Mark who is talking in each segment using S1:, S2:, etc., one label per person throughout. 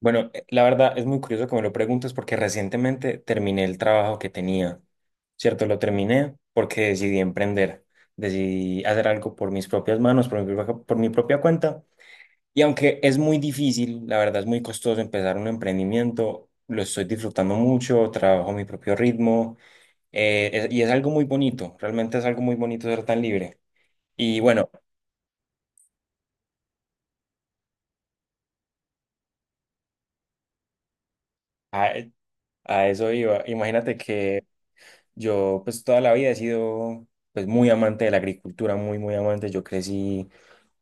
S1: Bueno, la verdad es muy curioso que me lo preguntes porque recientemente terminé el trabajo que tenía, ¿cierto? Lo terminé porque decidí emprender, decidí hacer algo por mis propias manos, por mi propia cuenta. Y aunque es muy difícil, la verdad es muy costoso empezar un emprendimiento, lo estoy disfrutando mucho, trabajo a mi propio ritmo y es algo muy bonito, realmente es algo muy bonito ser tan libre. Y bueno, a, a eso iba. Imagínate que yo pues toda la vida he sido pues muy amante de la agricultura, muy muy amante. Yo crecí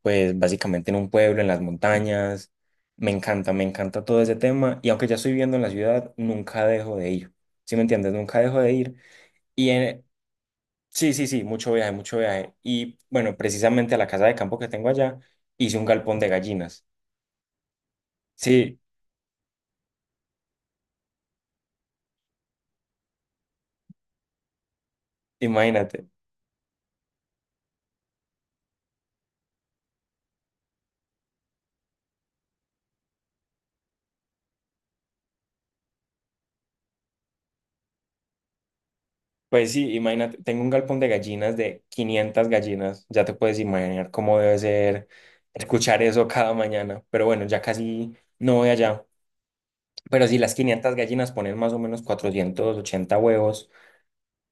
S1: pues básicamente en un pueblo, en las montañas. Me encanta todo ese tema y aunque ya estoy viviendo en la ciudad, nunca dejo de ir. ¿Sí me entiendes? Nunca dejo de ir. Y en- sí, sí, sí, mucho viaje, mucho viaje. Y bueno, precisamente a la casa de campo que tengo allá, hice un galpón de gallinas. Sí, imagínate. Pues sí, imagínate, tengo un galpón de gallinas de 500 gallinas, ya te puedes imaginar cómo debe ser escuchar eso cada mañana, pero bueno, ya casi no voy allá. Pero si las 500 gallinas ponen más o menos 480 huevos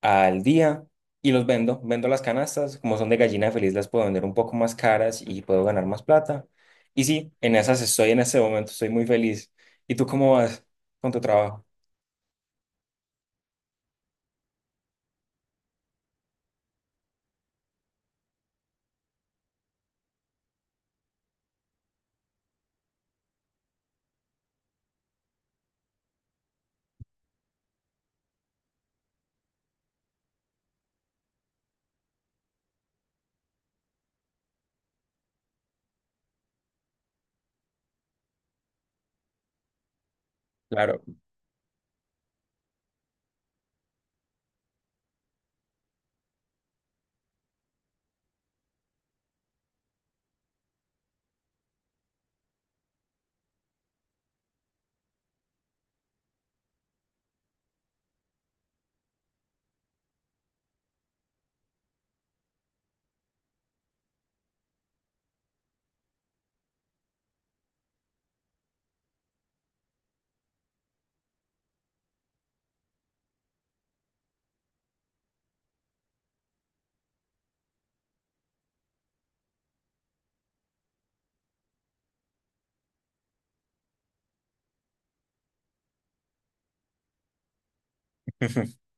S1: al día y los vendo, vendo las canastas, como son de gallina feliz las puedo vender un poco más caras y puedo ganar más plata. Y sí, en esas estoy en este momento, estoy muy feliz. ¿Y tú cómo vas con tu trabajo? Claro.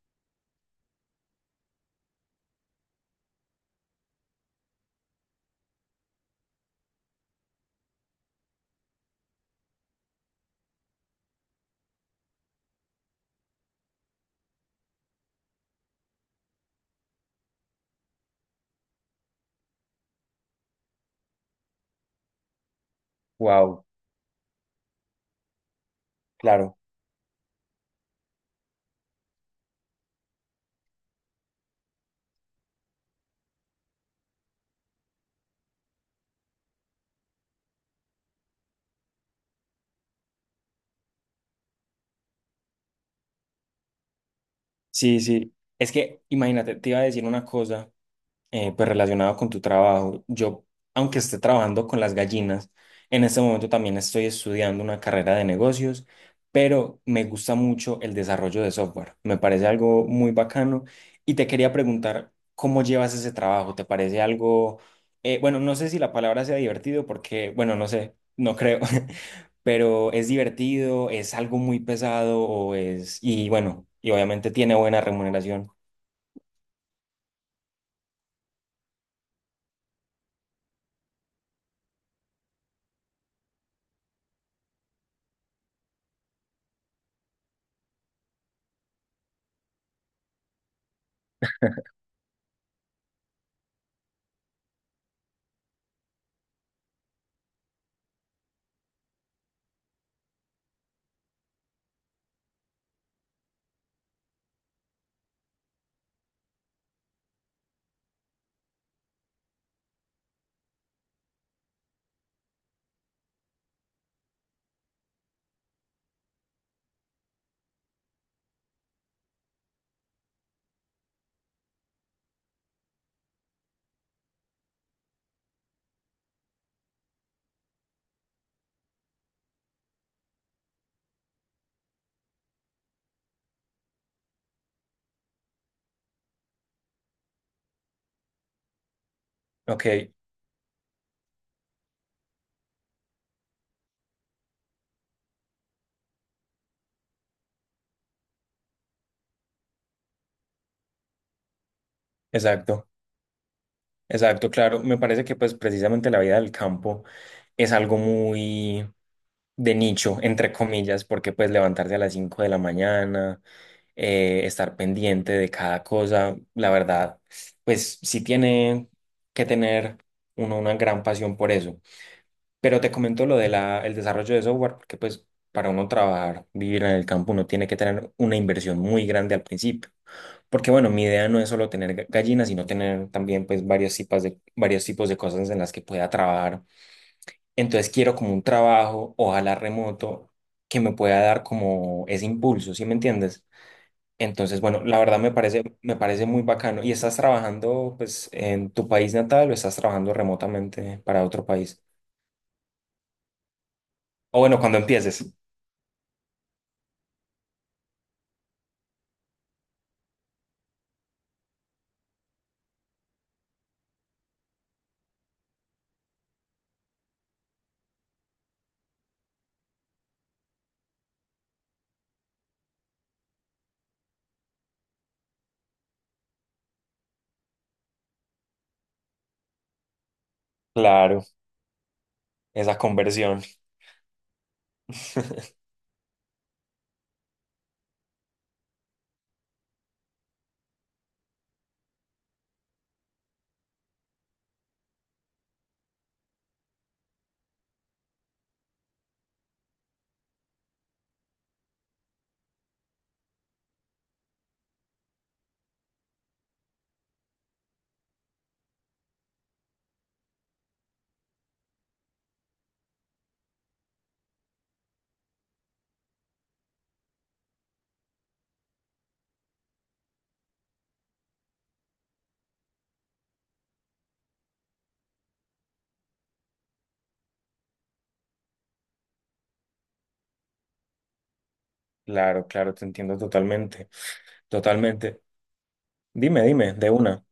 S1: Wow, claro. Sí, sí. Es que, imagínate, te iba a decir una cosa pues relacionado con tu trabajo. Yo, aunque esté trabajando con las gallinas, en este momento también estoy estudiando una carrera de negocios, pero me gusta mucho el desarrollo de software. Me parece algo muy bacano y te quería preguntar cómo llevas ese trabajo. ¿Te parece algo, bueno, no sé si la palabra sea divertido porque, bueno, no sé, no creo? Pero ¿es divertido, es algo muy pesado o es, y bueno, y obviamente tiene buena remuneración? Ok, exacto. Exacto, claro. Me parece que pues precisamente la vida del campo es algo muy de nicho, entre comillas, porque pues levantarse a las 5 de la mañana, estar pendiente de cada cosa, la verdad, pues sí tiene que tener uno una gran pasión por eso. Pero te comento lo de la, el desarrollo de software, porque pues para uno trabajar, vivir en el campo, uno tiene que tener una inversión muy grande al principio. Porque bueno, mi idea no es solo tener gallinas, sino tener también pues varios tipos de cosas en las que pueda trabajar. Entonces quiero como un trabajo, ojalá remoto, que me pueda dar como ese impulso, ¿sí me entiendes? Entonces, bueno, la verdad me parece muy bacano. ¿Y estás trabajando pues en tu país natal o estás trabajando remotamente para otro país? O bueno, cuando empieces. Claro, esa conversión. Claro, claro, te entiendo totalmente. Totalmente. Dime, dime, de una.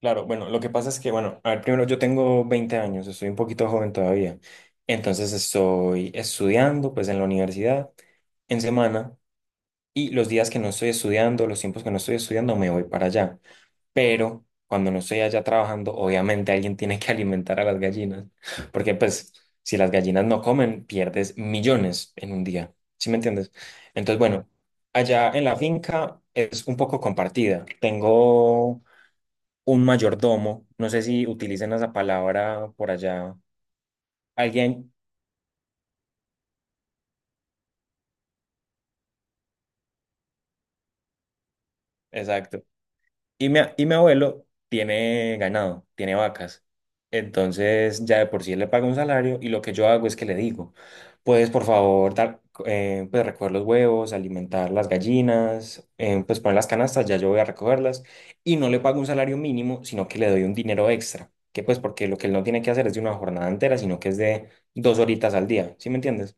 S1: Claro, bueno, lo que pasa es que, bueno, a ver, primero yo tengo 20 años, estoy un poquito joven todavía, entonces estoy estudiando pues en la universidad en semana y los días que no estoy estudiando, los tiempos que no estoy estudiando me voy para allá, pero cuando no estoy allá trabajando, obviamente alguien tiene que alimentar a las gallinas, porque pues si las gallinas no comen, pierdes millones en un día, ¿sí me entiendes? Entonces, bueno, allá en la finca es un poco compartida, tengo un mayordomo, no sé si utilizan esa palabra por allá, alguien, exacto. Y mi abuelo tiene ganado, tiene vacas. Entonces ya de por sí él le paga un salario y lo que yo hago es que le digo, puedes por favor dar, pues recoger los huevos, alimentar las gallinas, pues poner las canastas, ya yo voy a recogerlas y no le pago un salario mínimo, sino que le doy un dinero extra, que pues porque lo que él no tiene que hacer es de una jornada entera, sino que es de 2 horitas al día, ¿sí me entiendes?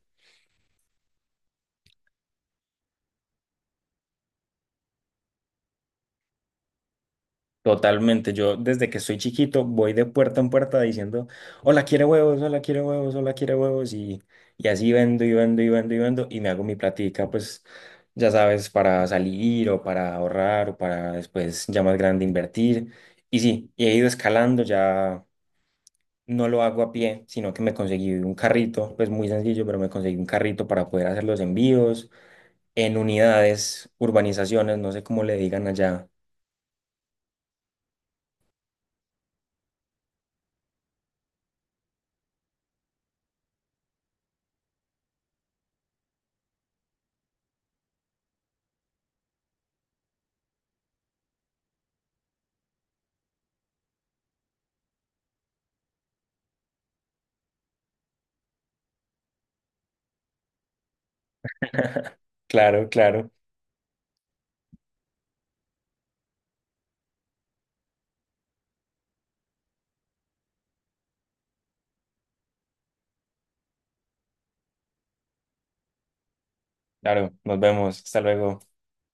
S1: Totalmente, yo desde que soy chiquito voy de puerta en puerta diciendo, hola, ¿quiere huevos?, hola, ¿quiere huevos?, hola, ¿quiere huevos?, y así vendo y vendo y vendo y vendo y me hago mi platica, pues ya sabes, para salir o para ahorrar o para después ya más grande invertir. Y sí, y he ido escalando, ya no lo hago a pie, sino que me conseguí un carrito, pues muy sencillo, pero me conseguí un carrito para poder hacer los envíos en unidades, urbanizaciones, no sé cómo le digan allá. Claro, claro. Claro, nos vemos. Hasta luego.